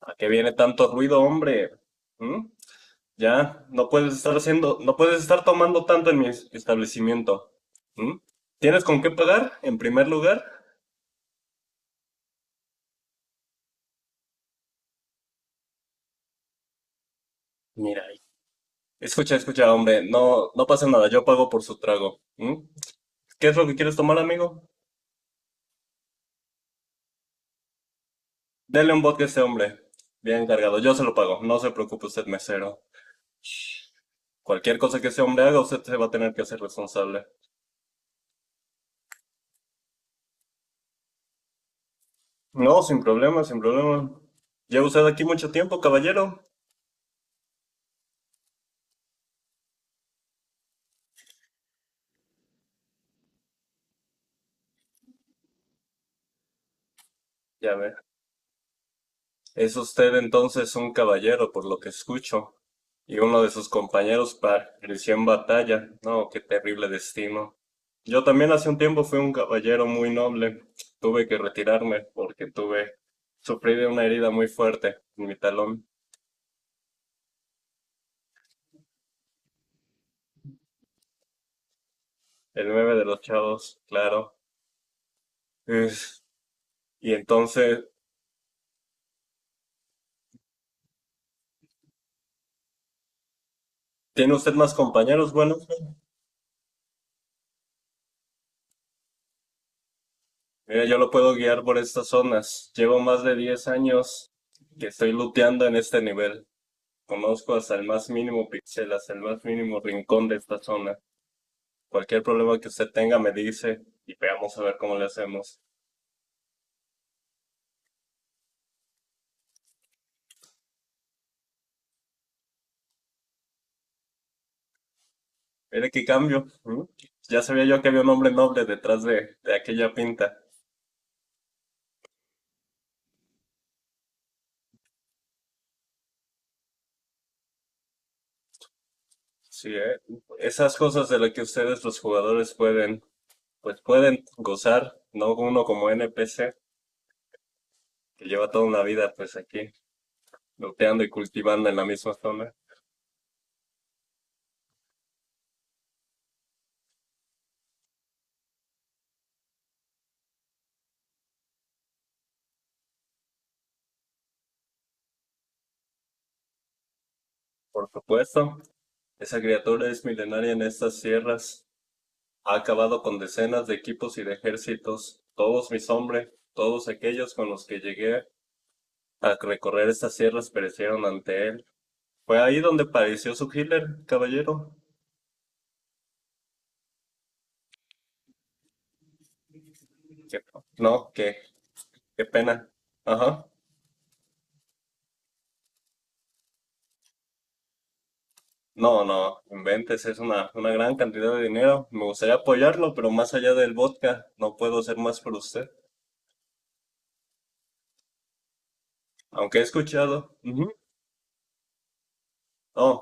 ¿A qué viene tanto ruido, hombre? ¿Mm? Ya, no puedes estar tomando tanto en mi establecimiento. ¿Mm? ¿Tienes con qué pagar, en primer lugar? Mira, escucha, escucha, hombre, no, no pasa nada, yo pago por su trago. ¿Mm? ¿Qué es lo que quieres tomar, amigo? Dele un vodka a ese hombre. Bien cargado, yo se lo pago, no se preocupe usted, mesero. Cualquier cosa que ese hombre haga, usted se va a tener que hacer responsable. No, sin problema, sin problema. ¿Lleva usted aquí mucho tiempo, caballero? Ya ve. Es usted entonces un caballero, por lo que escucho, y uno de sus compañeros pereció en batalla. No, qué terrible destino. Yo también hace un tiempo fui un caballero muy noble. Tuve que retirarme porque tuve, sufrí de una herida muy fuerte en mi talón, el nueve de los chavos, claro. Es- Y entonces, ¿tiene usted más compañeros? Bueno, mira, yo lo puedo guiar por estas zonas. Llevo más de 10 años que estoy luteando en este nivel. Conozco hasta el más mínimo píxel, hasta el más mínimo rincón de esta zona. Cualquier problema que usted tenga me dice y veamos a ver cómo le hacemos. Mire qué cambio. ¿M? Ya sabía yo que había un hombre noble detrás de aquella pinta. Sí, ¿eh? Esas cosas de las que ustedes los jugadores pueden, pues pueden gozar, no uno como NPC que lleva toda una vida pues aquí, looteando y cultivando en la misma zona. Por supuesto, esa criatura es milenaria en estas sierras. Ha acabado con decenas de equipos y de ejércitos, todos mis hombres, todos aquellos con los que llegué a recorrer estas sierras perecieron ante él. Fue ahí donde padeció su hitler, caballero. ¿Qué? No qué pena, ajá. No, no inventes, es una gran cantidad de dinero. Me gustaría apoyarlo, pero más allá del vodka no puedo hacer más por usted, aunque he escuchado. Ujú. Oh,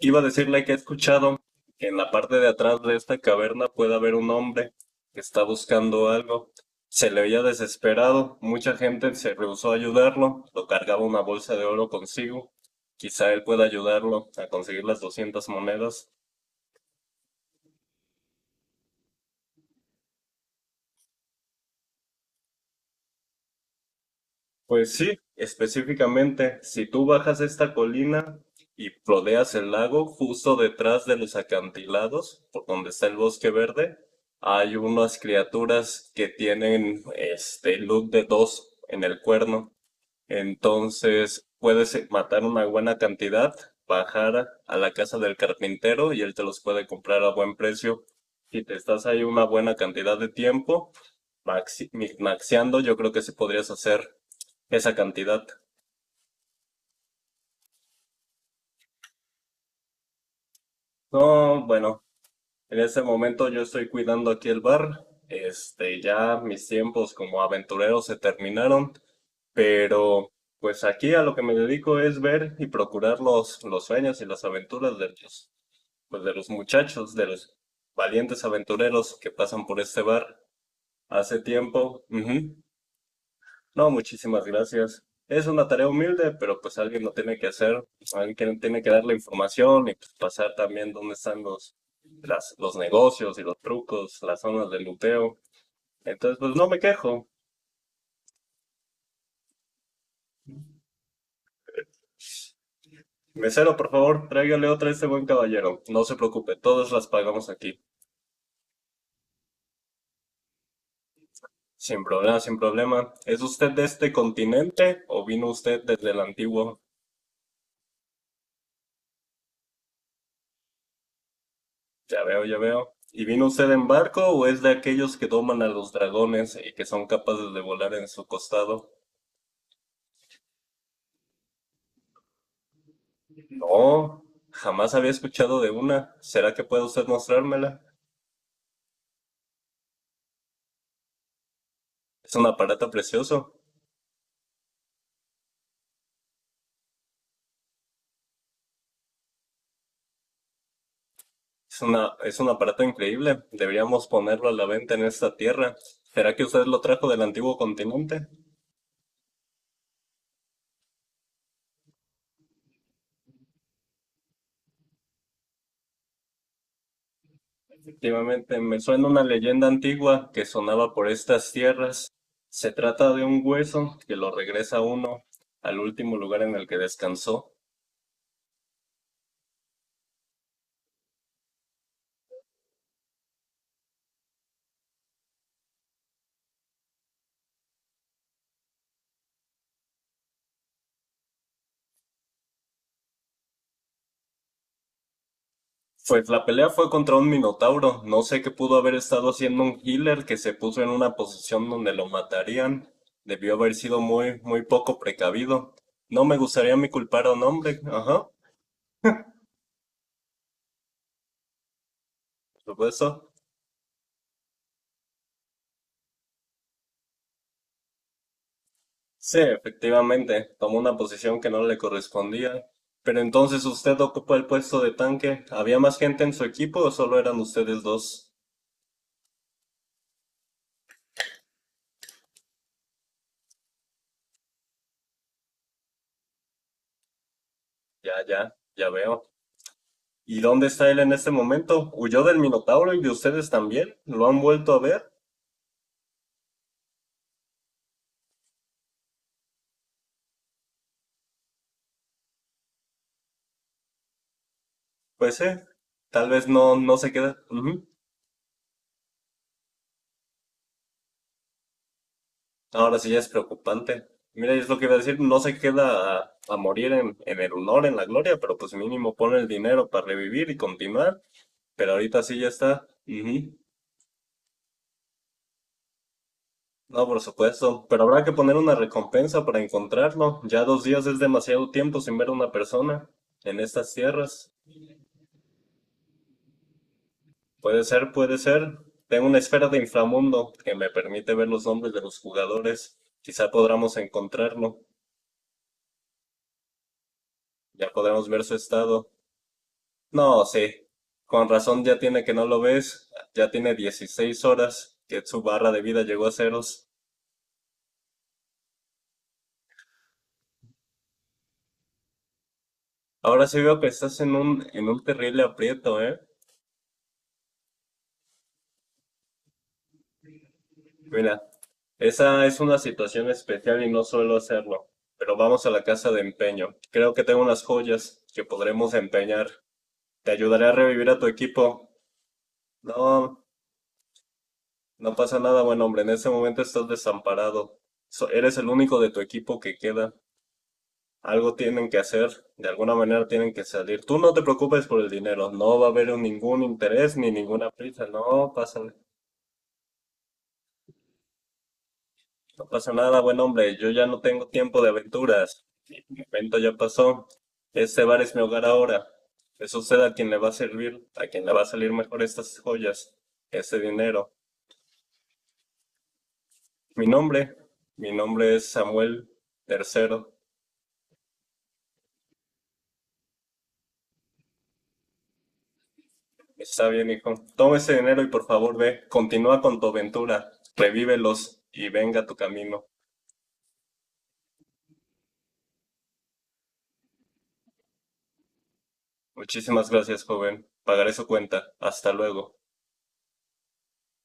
iba a decirle que he escuchado que en la parte de atrás de esta caverna puede haber un hombre que está buscando algo. Se le veía desesperado, mucha gente se rehusó a ayudarlo, lo cargaba una bolsa de oro consigo. Quizá él pueda ayudarlo a conseguir las 200 monedas. Pues sí, específicamente, si tú bajas esta colina y rodeas el lago, justo detrás de los acantilados, por donde está el bosque verde, hay unas criaturas que tienen este look de dos en el cuerno. Entonces, puedes matar una buena cantidad, bajar a la casa del carpintero y él te los puede comprar a buen precio. Si te estás ahí una buena cantidad de tiempo, maxi maxeando, yo creo que sí podrías hacer esa cantidad. No, bueno, en este momento yo estoy cuidando aquí el bar. Este, ya mis tiempos como aventurero se terminaron, pero pues aquí a lo que me dedico es ver y procurar los sueños y las aventuras de ellos. Pues, de los muchachos, de los valientes aventureros que pasan por este bar hace tiempo. Ujú. No, muchísimas gracias. Es una tarea humilde, pero pues alguien lo tiene que hacer, alguien tiene que dar la información y pues, pasar también dónde están los, las, los negocios y los trucos, las zonas de luteo. Entonces, pues no me quejo. Mesero, por favor, tráigale otra a este buen caballero. No se preocupe, todas las pagamos aquí. Sin problema, sin problema. ¿Es usted de este continente o vino usted desde el antiguo? Ya veo, ya veo. ¿Y vino usted en barco o es de aquellos que doman a los dragones y que son capaces de volar en su costado? No, jamás había escuchado de una. ¿Será que puede usted mostrármela? Es un aparato precioso. Es una, es un aparato increíble. Deberíamos ponerlo a la venta en esta tierra. ¿Será que usted lo trajo del antiguo continente? Efectivamente, me suena una leyenda antigua que sonaba por estas tierras. Se trata de un hueso que lo regresa a uno al último lugar en el que descansó. Pues la pelea fue contra un minotauro. No sé qué pudo haber estado haciendo un healer que se puso en una posición donde lo matarían. Debió haber sido muy, muy poco precavido. No me gustaría mi culpar a un hombre. Ajá, por supuesto. Sí, efectivamente, tomó una posición que no le correspondía. Pero entonces usted ocupó el puesto de tanque. ¿Había más gente en su equipo o solo eran ustedes dos? Ya, ya, ya veo. ¿Y dónde está él en este momento? ¿Huyó del minotauro y de ustedes también? ¿Lo han vuelto a ver? Pues sí, tal vez no, no se queda. Ujú. Ahora sí ya es preocupante. Mira, es lo que iba a decir, no se queda a morir en el honor, en la gloria, pero pues mínimo pone el dinero para revivir y continuar. Pero ahorita sí ya está. Ujú. No, por supuesto. Pero habrá que poner una recompensa para encontrarlo. Ya 2 días es demasiado tiempo sin ver a una persona en estas tierras. Puede ser, puede ser. Tengo una esfera de inframundo que me permite ver los nombres de los jugadores. Quizá podamos encontrarlo. Ya podemos ver su estado. No, sí. Con razón ya tiene que no lo ves. Ya tiene 16 horas que su barra de vida llegó a ceros. Ahora sí veo que estás en un terrible aprieto, ¿eh? Mira, esa es una situación especial y no suelo hacerlo. Pero vamos a la casa de empeño. Creo que tengo unas joyas que podremos empeñar. Te ayudaré a revivir a tu equipo. No, no pasa nada, buen hombre. En este momento estás desamparado. Eres el único de tu equipo que queda. Algo tienen que hacer, de alguna manera tienen que salir. Tú no te preocupes por el dinero, no va a haber ningún interés ni ninguna prisa, no pasa nada, buen hombre, yo ya no tengo tiempo de aventuras, mi evento ya pasó, este bar es mi hogar ahora, que suceda a quien le va a servir, a quien le va a salir mejor estas joyas, este dinero. Mi nombre, mi nombre es Samuel Tercero. Está bien, hijo, toma ese dinero y por favor ve, continúa con tu aventura, revívelos y venga tu camino. Muchísimas gracias, joven. Pagaré su cuenta. Hasta luego.